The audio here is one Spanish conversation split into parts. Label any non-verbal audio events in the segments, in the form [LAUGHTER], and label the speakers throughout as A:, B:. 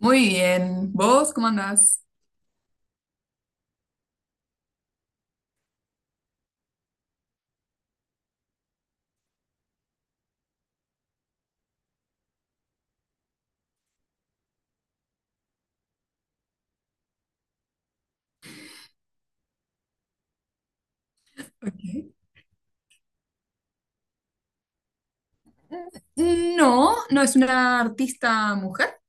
A: Muy bien. ¿Vos cómo andás? Ok. No, no es una artista mujer.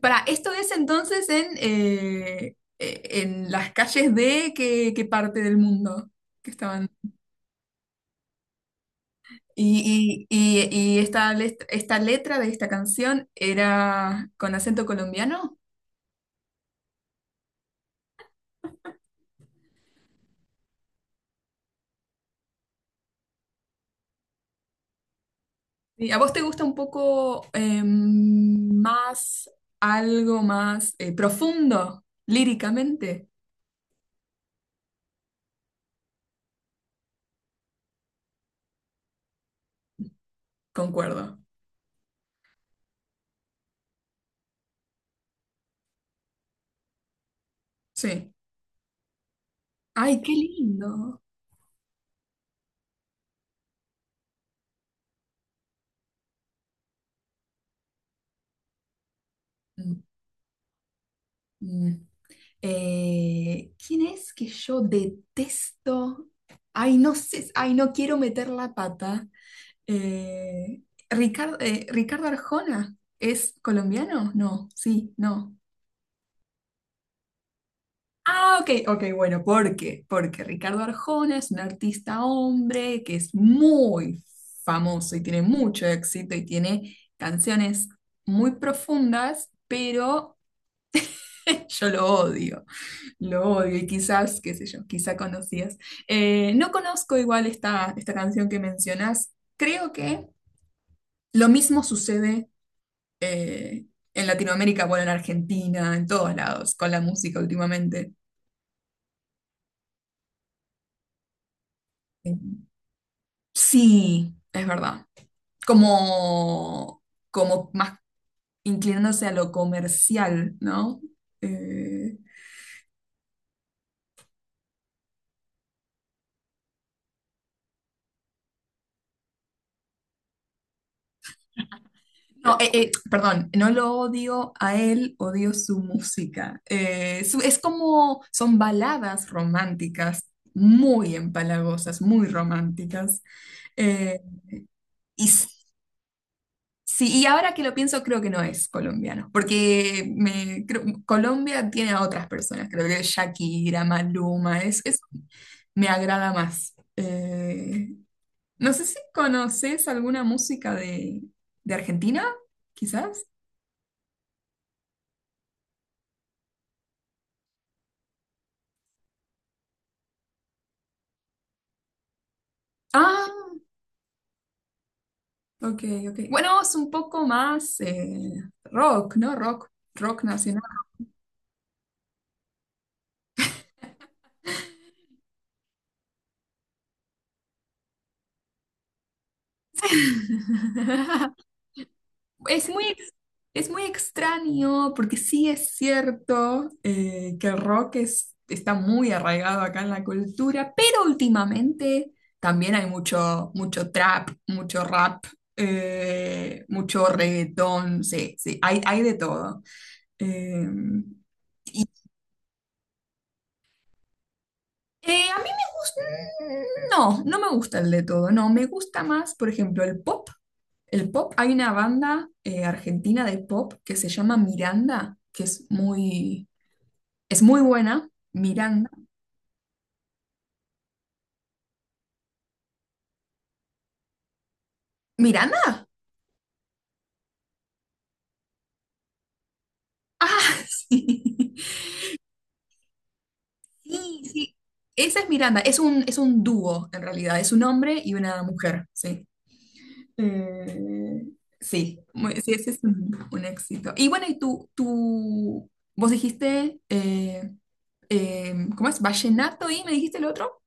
A: Para, esto es entonces en las calles de qué, qué parte del mundo que estaban. Y, y- y esta letra de esta canción era con acento colombiano. ¿Y a vos te gusta un poco más, algo más profundo líricamente? Concuerdo. Sí. Ay, qué lindo. Mm, mm. ¿Quién es que yo detesto? Ay, no sé, ay, no quiero meter la pata. Eh, Ricardo, Ricardo Arjona, ¿es colombiano? No, sí, no. Ah, ok, ok, bueno, ¿por qué? Porque Ricardo Arjona es un artista hombre que es muy famoso y tiene mucho éxito y tiene canciones muy profundas, pero [LAUGHS] yo lo odio. Lo odio y quizás, qué sé yo, quizá conocías. No conozco igual esta canción que mencionas. Creo que lo mismo sucede eh, en Latinoamérica, bueno, en Argentina, en todos lados, con la música últimamente. Eh, Sí, es verdad. Como, como más inclinándose a lo comercial, ¿no? Eh, no, perdón, no lo odio a él, odio su música. Su- es como, son baladas románticas, muy empalagosas, muy románticas. Eh, y s- sí, y ahora que lo pienso, creo que no es colombiano, porque me, creo- Colombia tiene a otras personas, creo que Shakira, Maluma, es- me agrada más. No sé si conoces alguna música de Argentina, quizás. Ah, ok, ok. Bueno, es un poco más rock, ¿no? Rock, rock nacional. [LAUGHS] Es muy, ex- es muy extraño porque sí es cierto que el rock es- está muy arraigado acá en la cultura, pero últimamente también hay mucho, mucho trap, mucho rap, mucho reggaetón, sí, sí, hay de todo. Eh, a mí me gusta, no, no me gusta el de todo, no, me gusta más, por ejemplo, el pop. El pop, hay una banda argentina de pop que se llama Miranda, que es muy buena. Miranda. ¿Miranda? Ah, [LAUGHS] sí. Sí, sí. Esa es Miranda, es un dúo en realidad, es un hombre y una mujer, sí. Eh, sí, muy- sí, ese es un éxito. Y bueno, tú, vos dijiste ¿cómo es? Vallenato y me dijiste el otro.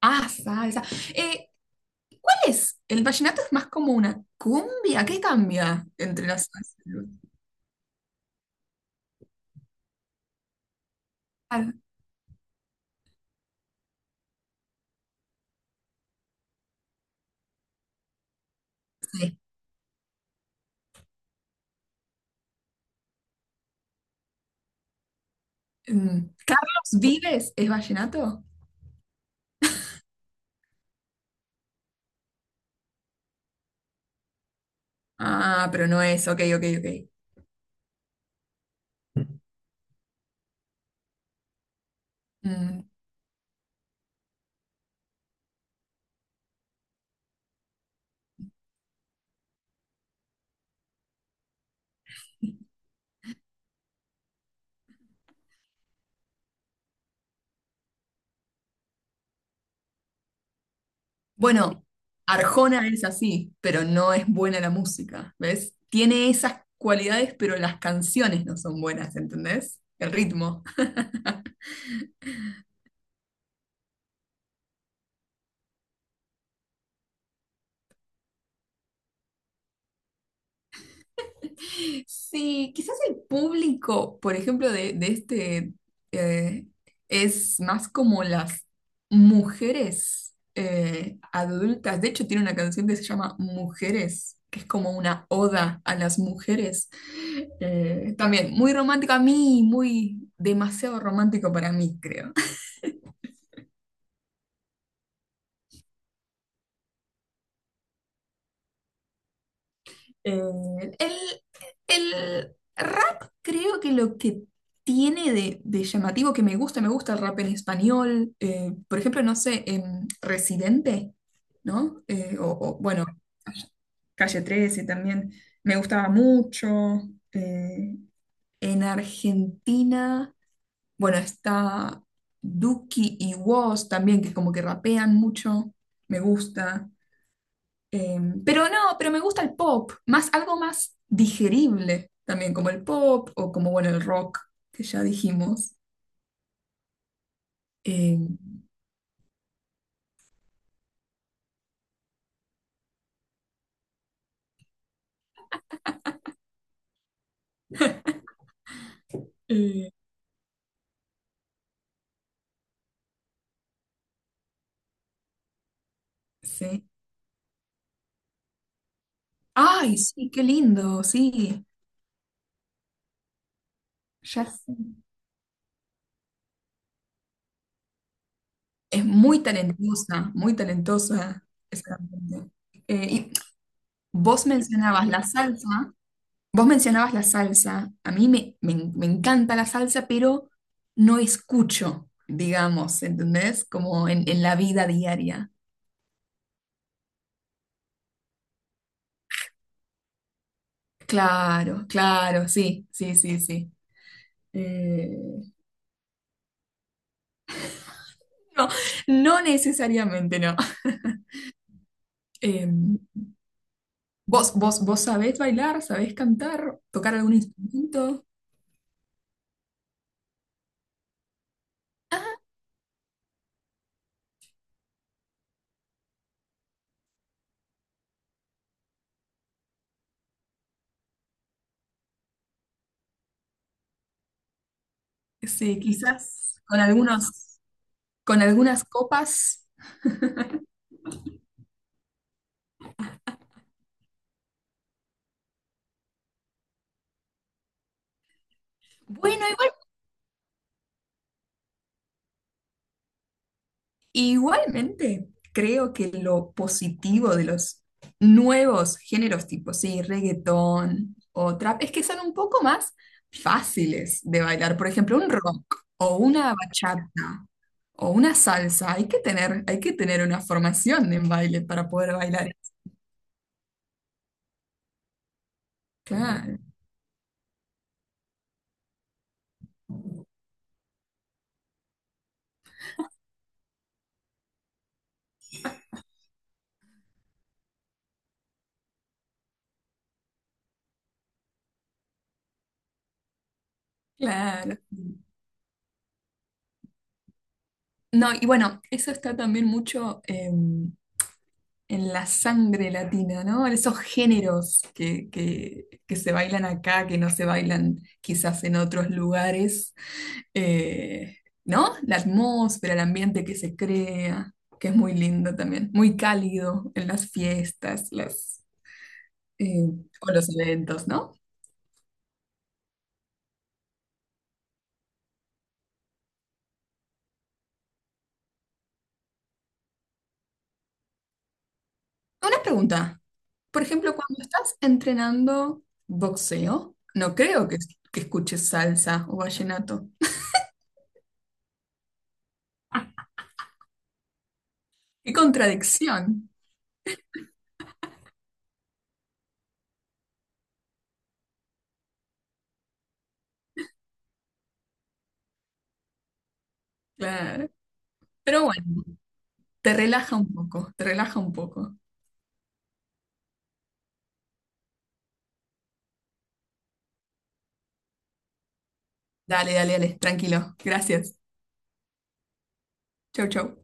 A: Ah, salsa. Eh, ¿Cuál es? El vallenato es más como una cumbia. ¿Qué cambia entre las salsa? Claro, sí. Mm, ¿Carlos Vives es vallenato? Ah, pero no es. Ok, ok, ok. Mm, bueno, Arjona es así, pero no es buena la música. ¿Ves? Tiene esas cualidades, pero las canciones no son buenas, ¿entendés? El ritmo. Sí, quizás el público, por ejemplo, de este eh, es más como las mujeres adultas. De hecho, tiene una canción que se llama Mujeres, que es como una oda a las mujeres. También muy romántico a mí, muy demasiado romántico para mí, creo. Eh, el, el rap creo que lo que tiene de llamativo que me gusta el rap en español, por ejemplo, no sé, Residente, ¿no? O, bueno, Calle 13 también me gustaba mucho. Eh, en Argentina, bueno, está Duki y Woz también, que como que rapean mucho, me gusta. Eh, pero no, pero me gusta el pop, más algo más digerible también, como el pop o como, bueno, el rock, que ya dijimos. Eh, eh, sí. Ay, sí, qué lindo, sí. Ya sé. Es muy talentosa esa cantante. Y vos mencionabas la salsa, vos mencionabas la salsa, a mí me, me me encanta la salsa, pero no escucho, digamos, ¿entendés? Como en la vida diaria. Claro, claro, sí, sí, sí, sí. Eh, no, no necesariamente no. [LAUGHS] Eh, vos sabés bailar, sabés cantar, tocar algún instrumento? Sí, quizás con algunos, con algunas copas. Bueno, igual, igualmente creo que lo positivo de los nuevos géneros tipo, sí, reggaetón o trap, es que son un poco más fáciles de bailar. Por ejemplo, un rock o una bachata. O una salsa, hay que tener una formación en baile para poder bailar. Claro, claro. No, y bueno, eso está también mucho em, en la sangre latina, ¿no? En esos géneros que se bailan acá, que no se bailan quizás en otros lugares, Eh, ¿no? La atmósfera, el ambiente que se crea, que es muy lindo también, muy cálido en las fiestas, las, eh, o los eventos, ¿no? Una pregunta. Por ejemplo, cuando estás entrenando boxeo, no creo que escuches salsa o vallenato. ¡Qué contradicción! Claro. Pero bueno, te relaja un poco, te relaja un poco. Dale, dale, dale, tranquilo. Gracias. Chau, chau.